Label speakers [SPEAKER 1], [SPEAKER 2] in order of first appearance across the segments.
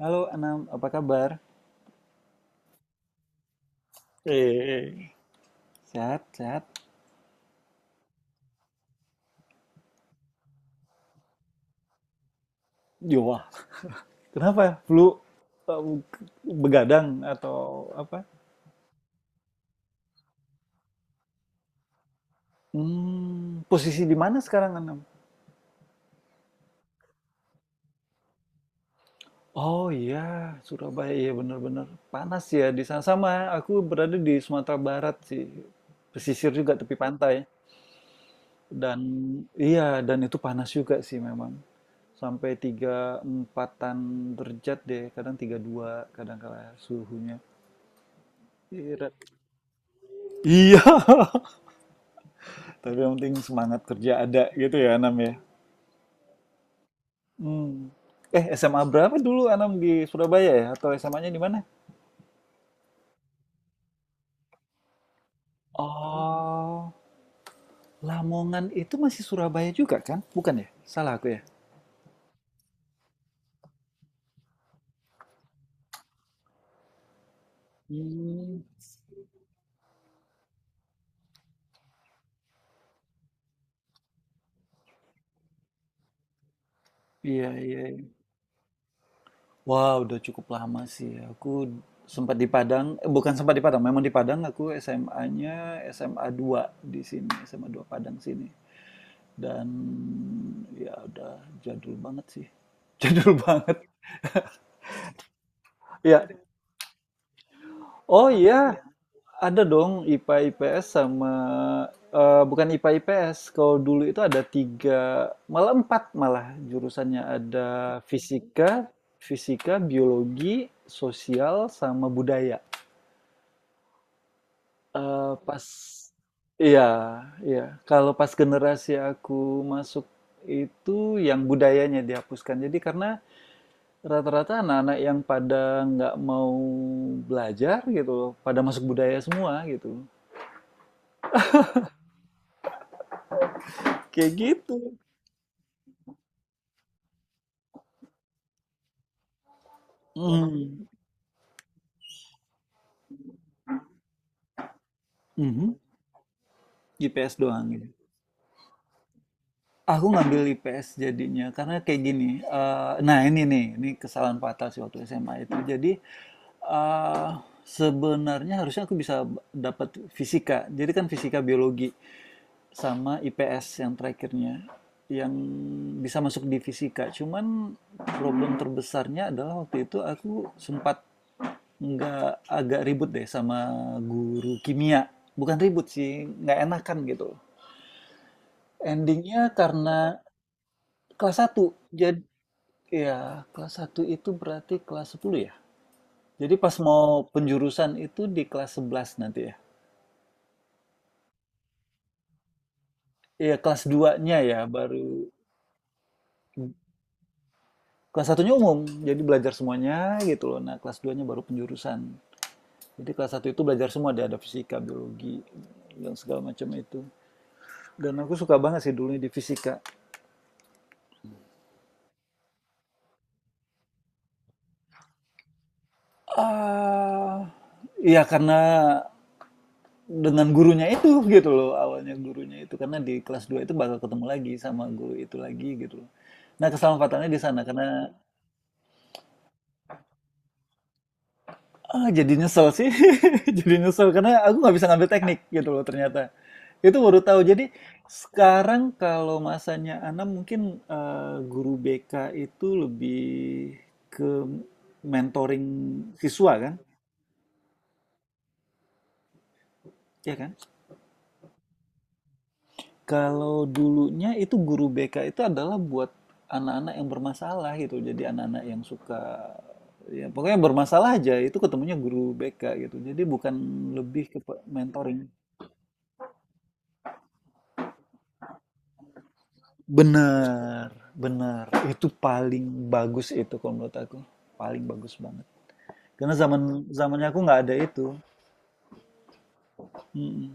[SPEAKER 1] Halo Anam, apa kabar? Eh, Sehat, sehat. Yo, wah. Kenapa? Flu eh, begadang atau apa? Hmm, posisi di mana sekarang Anam? Oh iya, Surabaya iya benar-benar panas ya di sana. Sama, aku berada di Sumatera Barat sih. Pesisir juga tepi pantai. Dan iya, dan itu panas juga sih memang. Sampai tiga empatan derajat deh, kadang tiga dua kadang kala suhunya. Iya. Iya. Tapi yang penting semangat kerja ada gitu ya Anam ya. Hmm. Eh, SMA berapa dulu Anam di Surabaya ya? Atau SMA-nya di mana? Oh, Lamongan itu masih Surabaya juga kan? Bukan ya? Salah aku ya? Hmm. Iya, iya, iya. Wah, udah cukup lama sih. Aku sempat di Padang, eh, bukan sempat di Padang, memang di Padang aku SMA-nya, SMA 2 di sini, SMA 2 Padang sini. Dan ya udah jadul banget sih. Jadul banget. Ya. Oh iya, ada dong IPA IPS sama eee, bukan IPA IPS. Kalau dulu itu ada 3 malah 4 malah jurusannya. Ada fisika, fisika, biologi, sosial, sama budaya. Eee, pas iya, iya. Kalau pas generasi aku masuk itu yang budayanya dihapuskan. Jadi karena rata-rata anak-anak yang pada nggak mau belajar gitu, pada masuk budaya semua gitu. Kayak gitu. Mhm, mhm. IPS doang gitu. Aku ngambil IPS jadinya karena kayak gini. Eh, nah ini nih, ini kesalahan fatal sih waktu SMA itu. Jadi eh, sebenarnya harusnya aku bisa dapat fisika. Jadi kan fisika biologi sama IPS yang terakhirnya yang bisa masuk di fisika. Cuman problem terbesarnya adalah waktu itu aku sempat nggak agak ribut deh sama guru kimia. Bukan ribut sih, nggak enakan gitu. Endingnya karena kelas satu. Jadi ya kelas satu itu berarti kelas 10 ya. Jadi pas mau penjurusan itu di kelas 11 nanti ya. Iya kelas 2-nya ya baru kelas satunya umum. Jadi belajar semuanya gitu loh. Nah, kelas 2-nya baru penjurusan. Jadi kelas satu itu belajar semua, ada fisika, biologi dan segala macam itu. Dan aku suka banget sih dulunya di fisika. Ah, iya karena dengan gurunya itu gitu loh, awalnya gurunya itu karena di kelas 2 itu bakal ketemu lagi sama guru itu lagi gitu loh. Nah kesempatannya di sana karena jadi nyesel sih. Jadi nyesel karena aku nggak bisa ngambil teknik gitu loh ternyata, itu baru tahu. Jadi sekarang kalau masanya Ana mungkin eh, guru BK itu lebih ke mentoring siswa kan, ya kan. Kalau dulunya itu guru BK itu adalah buat anak-anak yang bermasalah gitu. Jadi anak-anak yang suka ya pokoknya bermasalah aja itu ketemunya guru BK gitu. Jadi bukan lebih ke mentoring. Benar, benar. Itu paling bagus itu kalau menurut aku. Paling bagus banget. Karena zaman zamannya aku nggak ada itu. Mm-mm.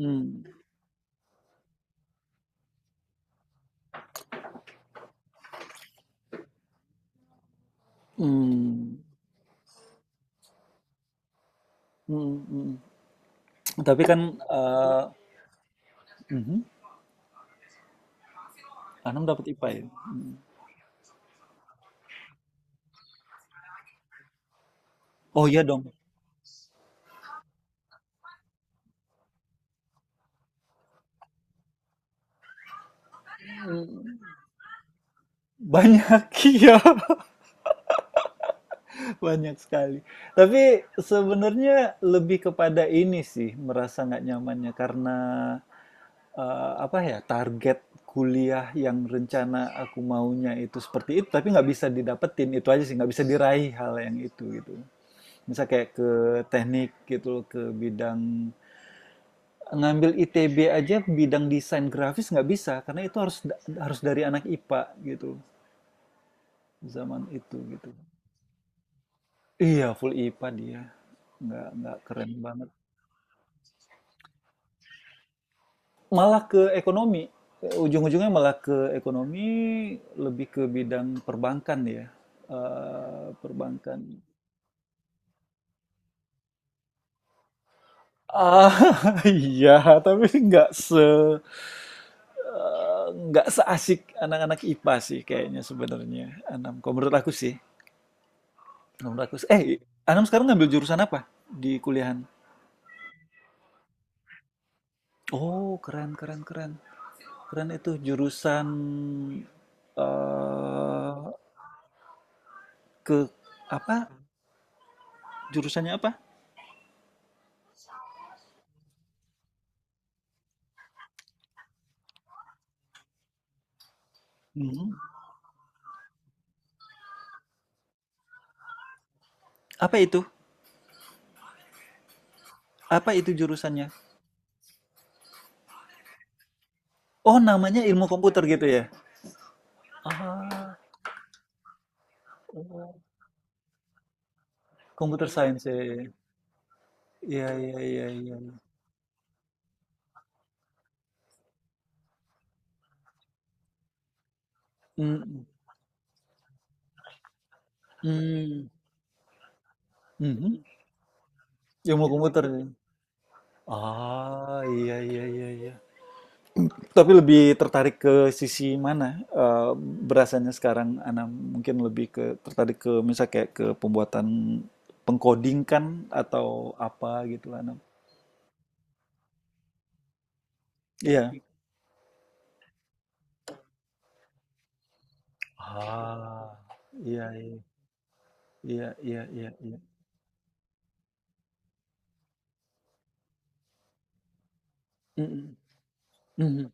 [SPEAKER 1] Mm. Mm. Mm, mm. Tapi kan eh mhm. Anam dapat IPA ya? Oh iya dong. Banyak, iya, banyak sekali. Tapi sebenarnya lebih kepada ini sih, merasa nggak nyamannya karena apa ya, target kuliah yang rencana aku maunya itu seperti itu, tapi nggak bisa didapetin itu aja sih, nggak bisa diraih hal yang itu gitu. Misal kayak ke teknik gitu loh, ke bidang ngambil ITB aja, bidang desain grafis nggak bisa karena itu harus harus dari anak IPA gitu zaman itu gitu. Iya, full IPA dia, nggak keren banget. Malah ke ekonomi, ujung-ujungnya malah ke ekonomi, lebih ke bidang perbankan ya, eee, perbankan. Ah, iya, tapi nggak se eee, nggak seasik anak-anak IPA sih kayaknya sebenarnya, Anam, kalau menurut aku sih, kalau menurut aku sih Anam sekarang ngambil jurusan apa di kuliahan? Oh, keren keren keren. Keren itu jurusan, eee. Ke apa, jurusannya apa? Mhm. Apa itu? Apa itu jurusannya? Oh, namanya ilmu komputer gitu ya? Ah, oh, computer science ya, ya ya, ya iya iya iya. Mhm, mmm, mhm, ilmu komputer ya? Ah, iya iya iya iya. Tapi lebih tertarik ke sisi mana, eee, berasanya sekarang Ana mungkin lebih ke tertarik ke misal kayak ke pembuatan peng-coding kan? Atau apa gitu Ana? Iya. Ah, iya iya. Iya iya iya iya. Mhm, mhm,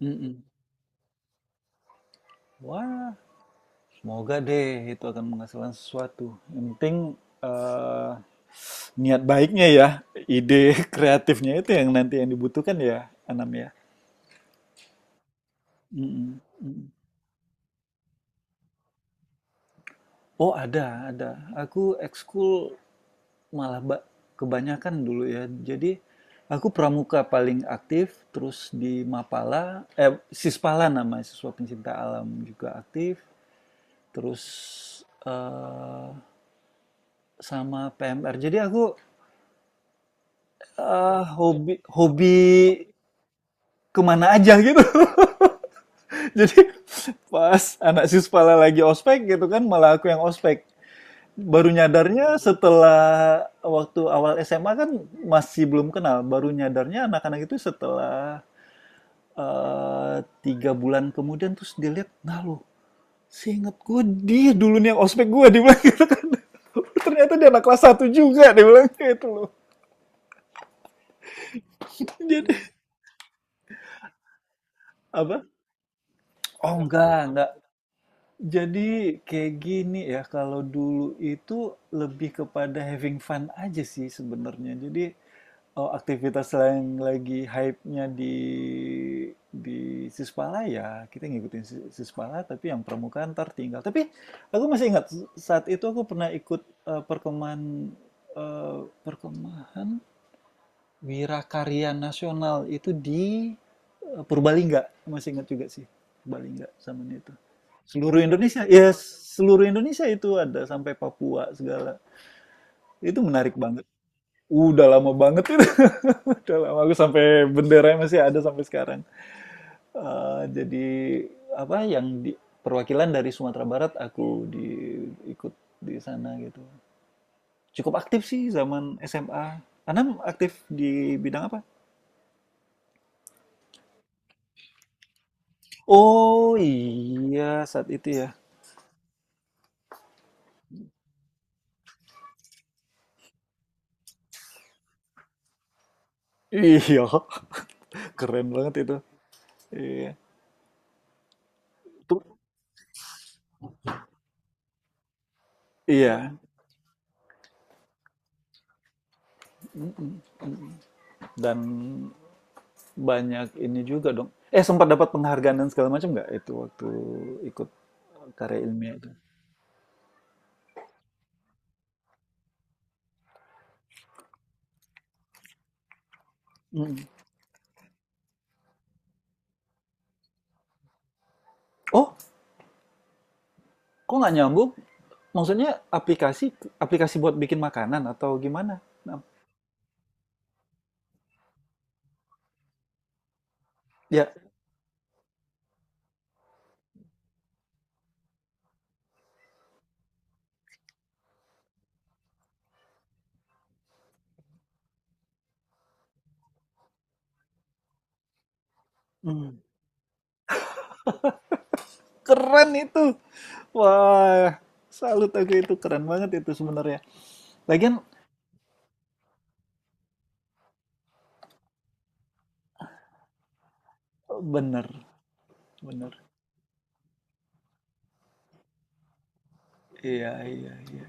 [SPEAKER 1] mhm. Wah, semoga deh itu akan menghasilkan sesuatu. Yang penting, eee, niat baiknya ya, ide kreatifnya itu yang nanti yang dibutuhkan ya, Anam ya? Mhm, mhm. Oh ada, ada. Aku ekskul malah kebanyakan dulu ya. Jadi, aku pramuka paling aktif, terus di Mapala eh, Sispala namanya, Siswa Pencinta Alam juga aktif. Terus eh, sama PMR. Jadi aku hobi hobi kemana aja gitu. Jadi pas anak sispala lagi ospek gitu kan, malah aku yang ospek. Baru nyadarnya setelah waktu awal SMA kan masih belum kenal. Baru nyadarnya anak-anak itu setelah eh, tiga bulan kemudian terus dilihat, nah loh, seinget gue dia dulu nih yang ospek gue dia bilang gitu kan. Ternyata dia anak kelas satu juga dia bilang kayak itu loh. Jadi apa? Oh enggak, enggak. Jadi kayak gini ya kalau dulu itu lebih kepada having fun aja sih sebenarnya. Jadi oh, aktivitas yang lagi hype-nya di Sispala ya, kita ngikutin Sis- Sispala tapi yang permukaan ntar tinggal. Tapi aku masih ingat saat itu aku pernah ikut eh, perkemahan eh, perkemahan Wirakarya Nasional itu di Purbalingga. Masih ingat juga sih Purbalingga zamannya itu. Seluruh Indonesia, ya seluruh Indonesia itu ada sampai Papua segala. Itu menarik banget. Udah lama banget itu. Udah lama aku sampai benderanya masih ada sampai sekarang. Eh, jadi apa yang di, perwakilan dari Sumatera Barat aku di ikut di sana gitu. Cukup aktif sih zaman SMA. Anda aktif di bidang apa? Oh iya saat itu ya. Iya, keren banget itu. Iya. Itu- iya. Mm-mm. Dan banyak ini juga dong. Eh sempat dapat penghargaan dan segala macam nggak itu waktu ikut karya ilmiah itu. Mm. Oh, kok nggak nyambung? Maksudnya aplikasi aplikasi buat bikin makanan atau gimana? Nah, ya, mm. Keren itu. Wah, salut aku itu keren banget itu sebenarnya. Lagian bener, bener. Iya, iya, iya.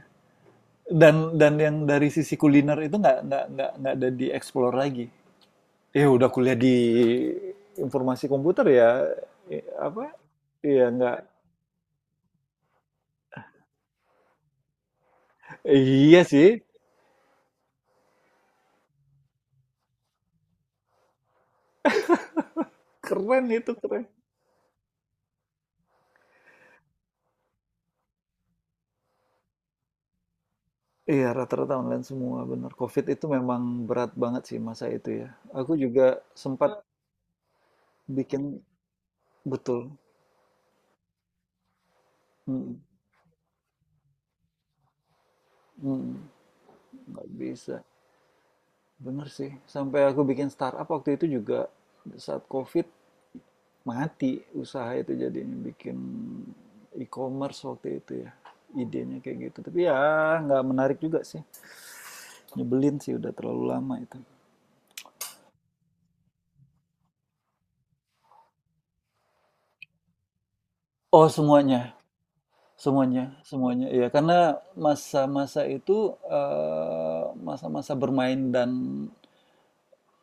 [SPEAKER 1] Dan yang dari sisi kuliner itu nggak ada dieksplor lagi. Ya udah kuliah di informasi komputer ya, eh, apa? Iya nggak. Iya sih, keren itu keren. Iya, rata-rata online semua, benar COVID itu memang berat banget sih masa itu ya. Aku juga sempat. Hmm. Bikin betul. Mm, mm, nggak bisa. Bener sih. Sampai aku bikin startup waktu itu juga saat COVID mati usaha itu, jadinya bikin e-commerce waktu itu ya. Idenya kayak gitu. Tapi ya nggak menarik juga sih. Nyebelin sih udah terlalu lama itu. Oh, semuanya. Semuanya, semuanya. Iya, karena masa-masa itu, eee, masa-masa bermain dan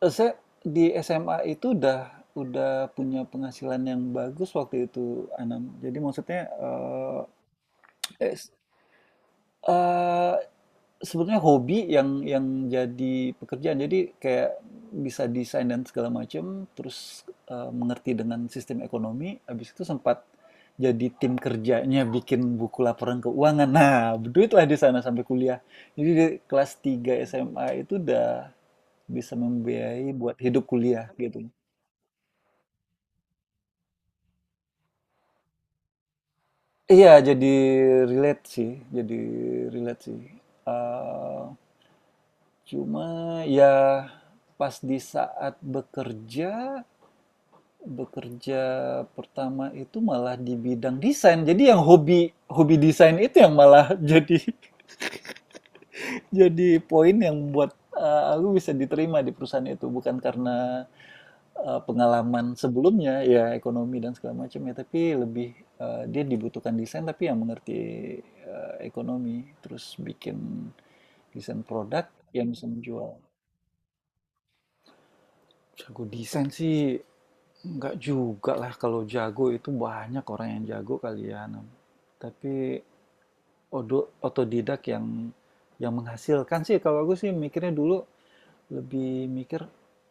[SPEAKER 1] eee, saya di SMA itu udah punya penghasilan yang bagus waktu itu, Anam. Jadi maksudnya, eee, es eee. Sebenarnya hobi yang jadi pekerjaan. Jadi kayak bisa desain dan segala macam, terus mengerti dengan sistem ekonomi. Habis itu sempat jadi tim kerjanya bikin buku laporan keuangan. Nah, berduitlah di sana sampai kuliah. Jadi di kelas 3 SMA itu udah bisa membiayai buat hidup kuliah gitu. Iya, jadi relate sih, jadi relate sih. Eh, cuma ya pas di saat bekerja. Bekerja Pertama itu malah di bidang desain. Jadi yang hobi hobi desain itu yang malah jadi poin yang membuat aku bisa diterima di perusahaan itu bukan karena pengalaman sebelumnya ya ekonomi dan segala macam ya, tapi lebih dia dibutuhkan desain tapi yang mengerti ekonomi terus bikin desain produk yang bisa menjual. Jago desain sih enggak juga lah, kalau jago itu banyak orang yang jago kali ya, Nam. Tapi otodidak yang menghasilkan sih. Kalau aku sih mikirnya dulu lebih mikir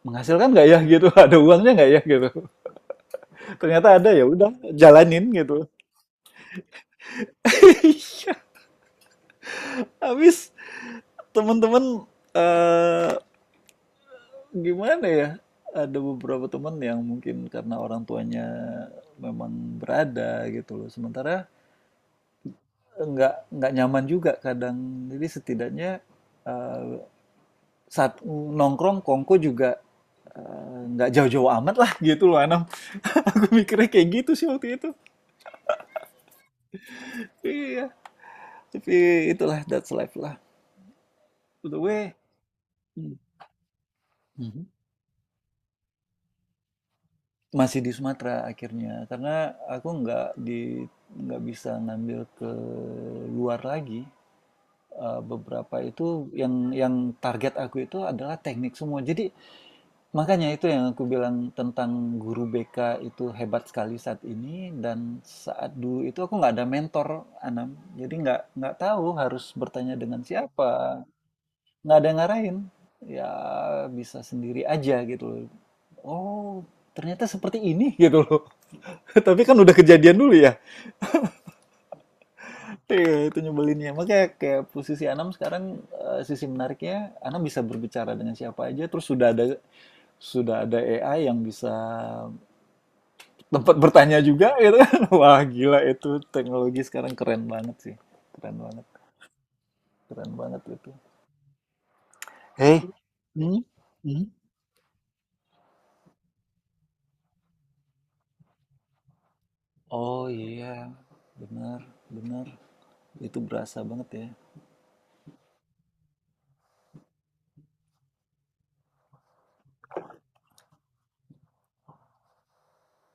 [SPEAKER 1] menghasilkan nggak ya gitu ada uangnya nggak ya gitu, ternyata ada ya udah jalanin gitu. Iya, habis temen-temen eh gimana ya? Ada beberapa temen yang mungkin karena orang tuanya memang berada gitu loh. Sementara nggak nyaman juga kadang. Jadi setidaknya eh, saat nongkrong Kongko juga nggak jauh-jauh amat lah gitu loh Anam. Aku mikirnya kayak gitu sih waktu itu. Iya. Tapi itulah, that's life lah. By the way, hmm, mhm. Masih di Sumatera akhirnya karena aku nggak di nggak bisa ngambil ke luar lagi. Eh, beberapa itu yang target aku itu adalah teknik semua. Jadi makanya itu yang aku bilang tentang guru BK itu hebat sekali saat ini, dan saat dulu itu aku nggak ada mentor Anam, jadi nggak tahu harus bertanya dengan siapa, nggak ada yang ngarahin, ya bisa sendiri aja gitu loh. Oh ternyata seperti ini gitu loh. Tapi kan udah kejadian dulu ya. Iya, itu nyebelinnya. Makanya kayak posisi Anam sekarang sisi menariknya Anam bisa berbicara dengan siapa aja, terus sudah ada AI yang bisa tempat bertanya juga gitu. Wah, gila itu teknologi sekarang keren banget sih. Keren banget, keren banget itu. Hei, hmm? Hmm? Oh iya, benar, benar. Itu berasa banget ya.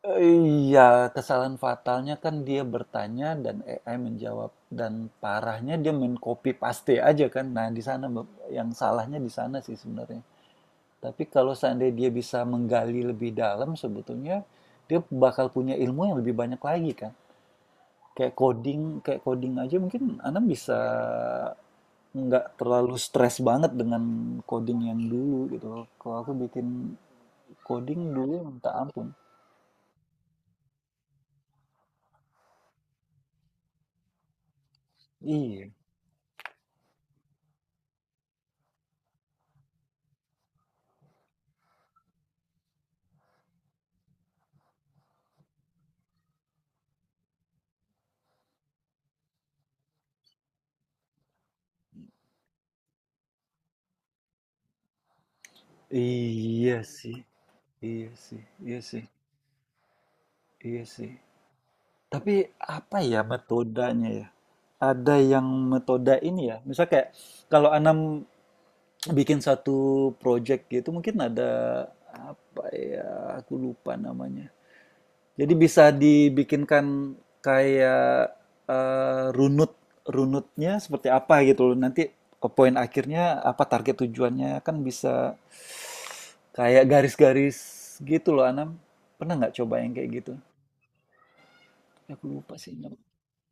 [SPEAKER 1] Eh, iya, kesalahan fatalnya kan dia bertanya dan AI menjawab dan parahnya dia men copy paste aja kan. Nah, di sana Bang, yang salahnya di sana sih sebenarnya. Tapi kalau seandainya dia bisa menggali lebih dalam sebetulnya dia bakal punya ilmu yang lebih banyak lagi kan. Kayak coding, aja mungkin Anam bisa nggak terlalu stres banget dengan coding yang dulu gitu loh. Kalau aku bikin coding dulu minta ampun. Iya. Iya sih. Iya sih. Iya sih. Iya sih. Tapi apa ya metodenya ya? Ada yang metode ini ya. Misal kayak kalau Anam bikin satu project gitu mungkin ada apa ya? Aku lupa namanya. Jadi bisa dibikinkan kayak runut runutnya seperti apa gitu loh. Nanti poin akhirnya apa target tujuannya kan bisa kayak garis-garis gitu loh Anam. Pernah nggak coba yang kayak gitu? Aku lupa sih. Nggak-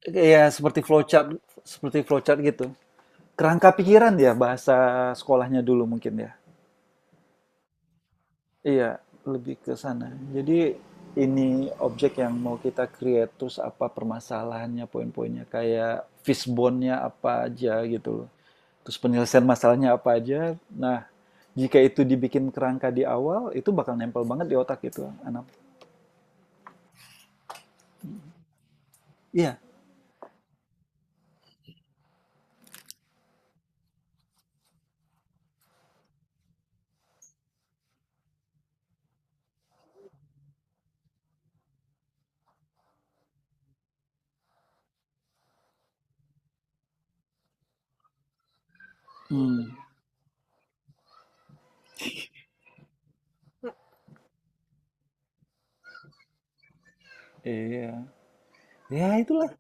[SPEAKER 1] ya seperti flowchart, seperti flowchart gitu. Kerangka pikiran ya bahasa sekolahnya dulu mungkin ya. Iya, lebih ke sana. Jadi ini objek yang mau kita create, terus apa permasalahannya, poin-poinnya, kayak fishbone-nya apa aja gitu loh. Terus penyelesaian masalahnya apa aja. Nah, jika itu dibikin kerangka di awal, itu bakal nempel banget di otak gitu, anak. Iya. Hmm. Iya. Ya itulah.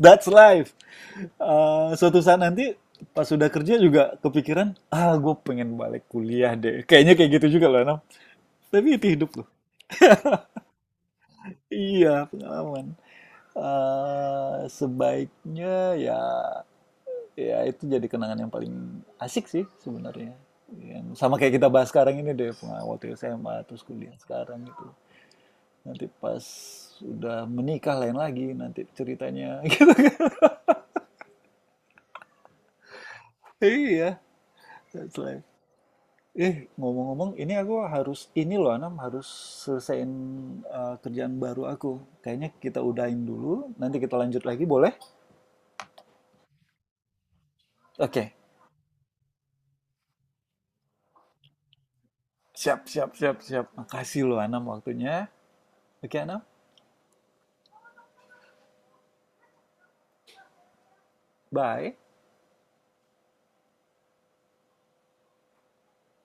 [SPEAKER 1] That's life. Eh, suatu saat nanti pas sudah kerja juga kepikiran, ah gue pengen balik kuliah deh. Kayaknya kayak gitu juga loh, Anam. Tapi itu hidup loh. Iya, pengalaman. Eee, sebaiknya ya, ya itu jadi kenangan yang paling asik sih sebenarnya. Yang sama kayak kita bahas sekarang ini deh, pengalaman waktu SMA, terus kuliah sekarang gitu. Nanti pas udah menikah lain lagi nanti ceritanya gitu kan. Iya, that's life. Eh, ngomong-ngomong ini aku harus ini loh Anam, harus selesaiin eee, kerjaan baru aku. Kayaknya kita udahin dulu, nanti kita lanjut lagi boleh? Oke. Siap, siap, siap, siap. Makasih loh Anam waktunya. Oke Anam, bye.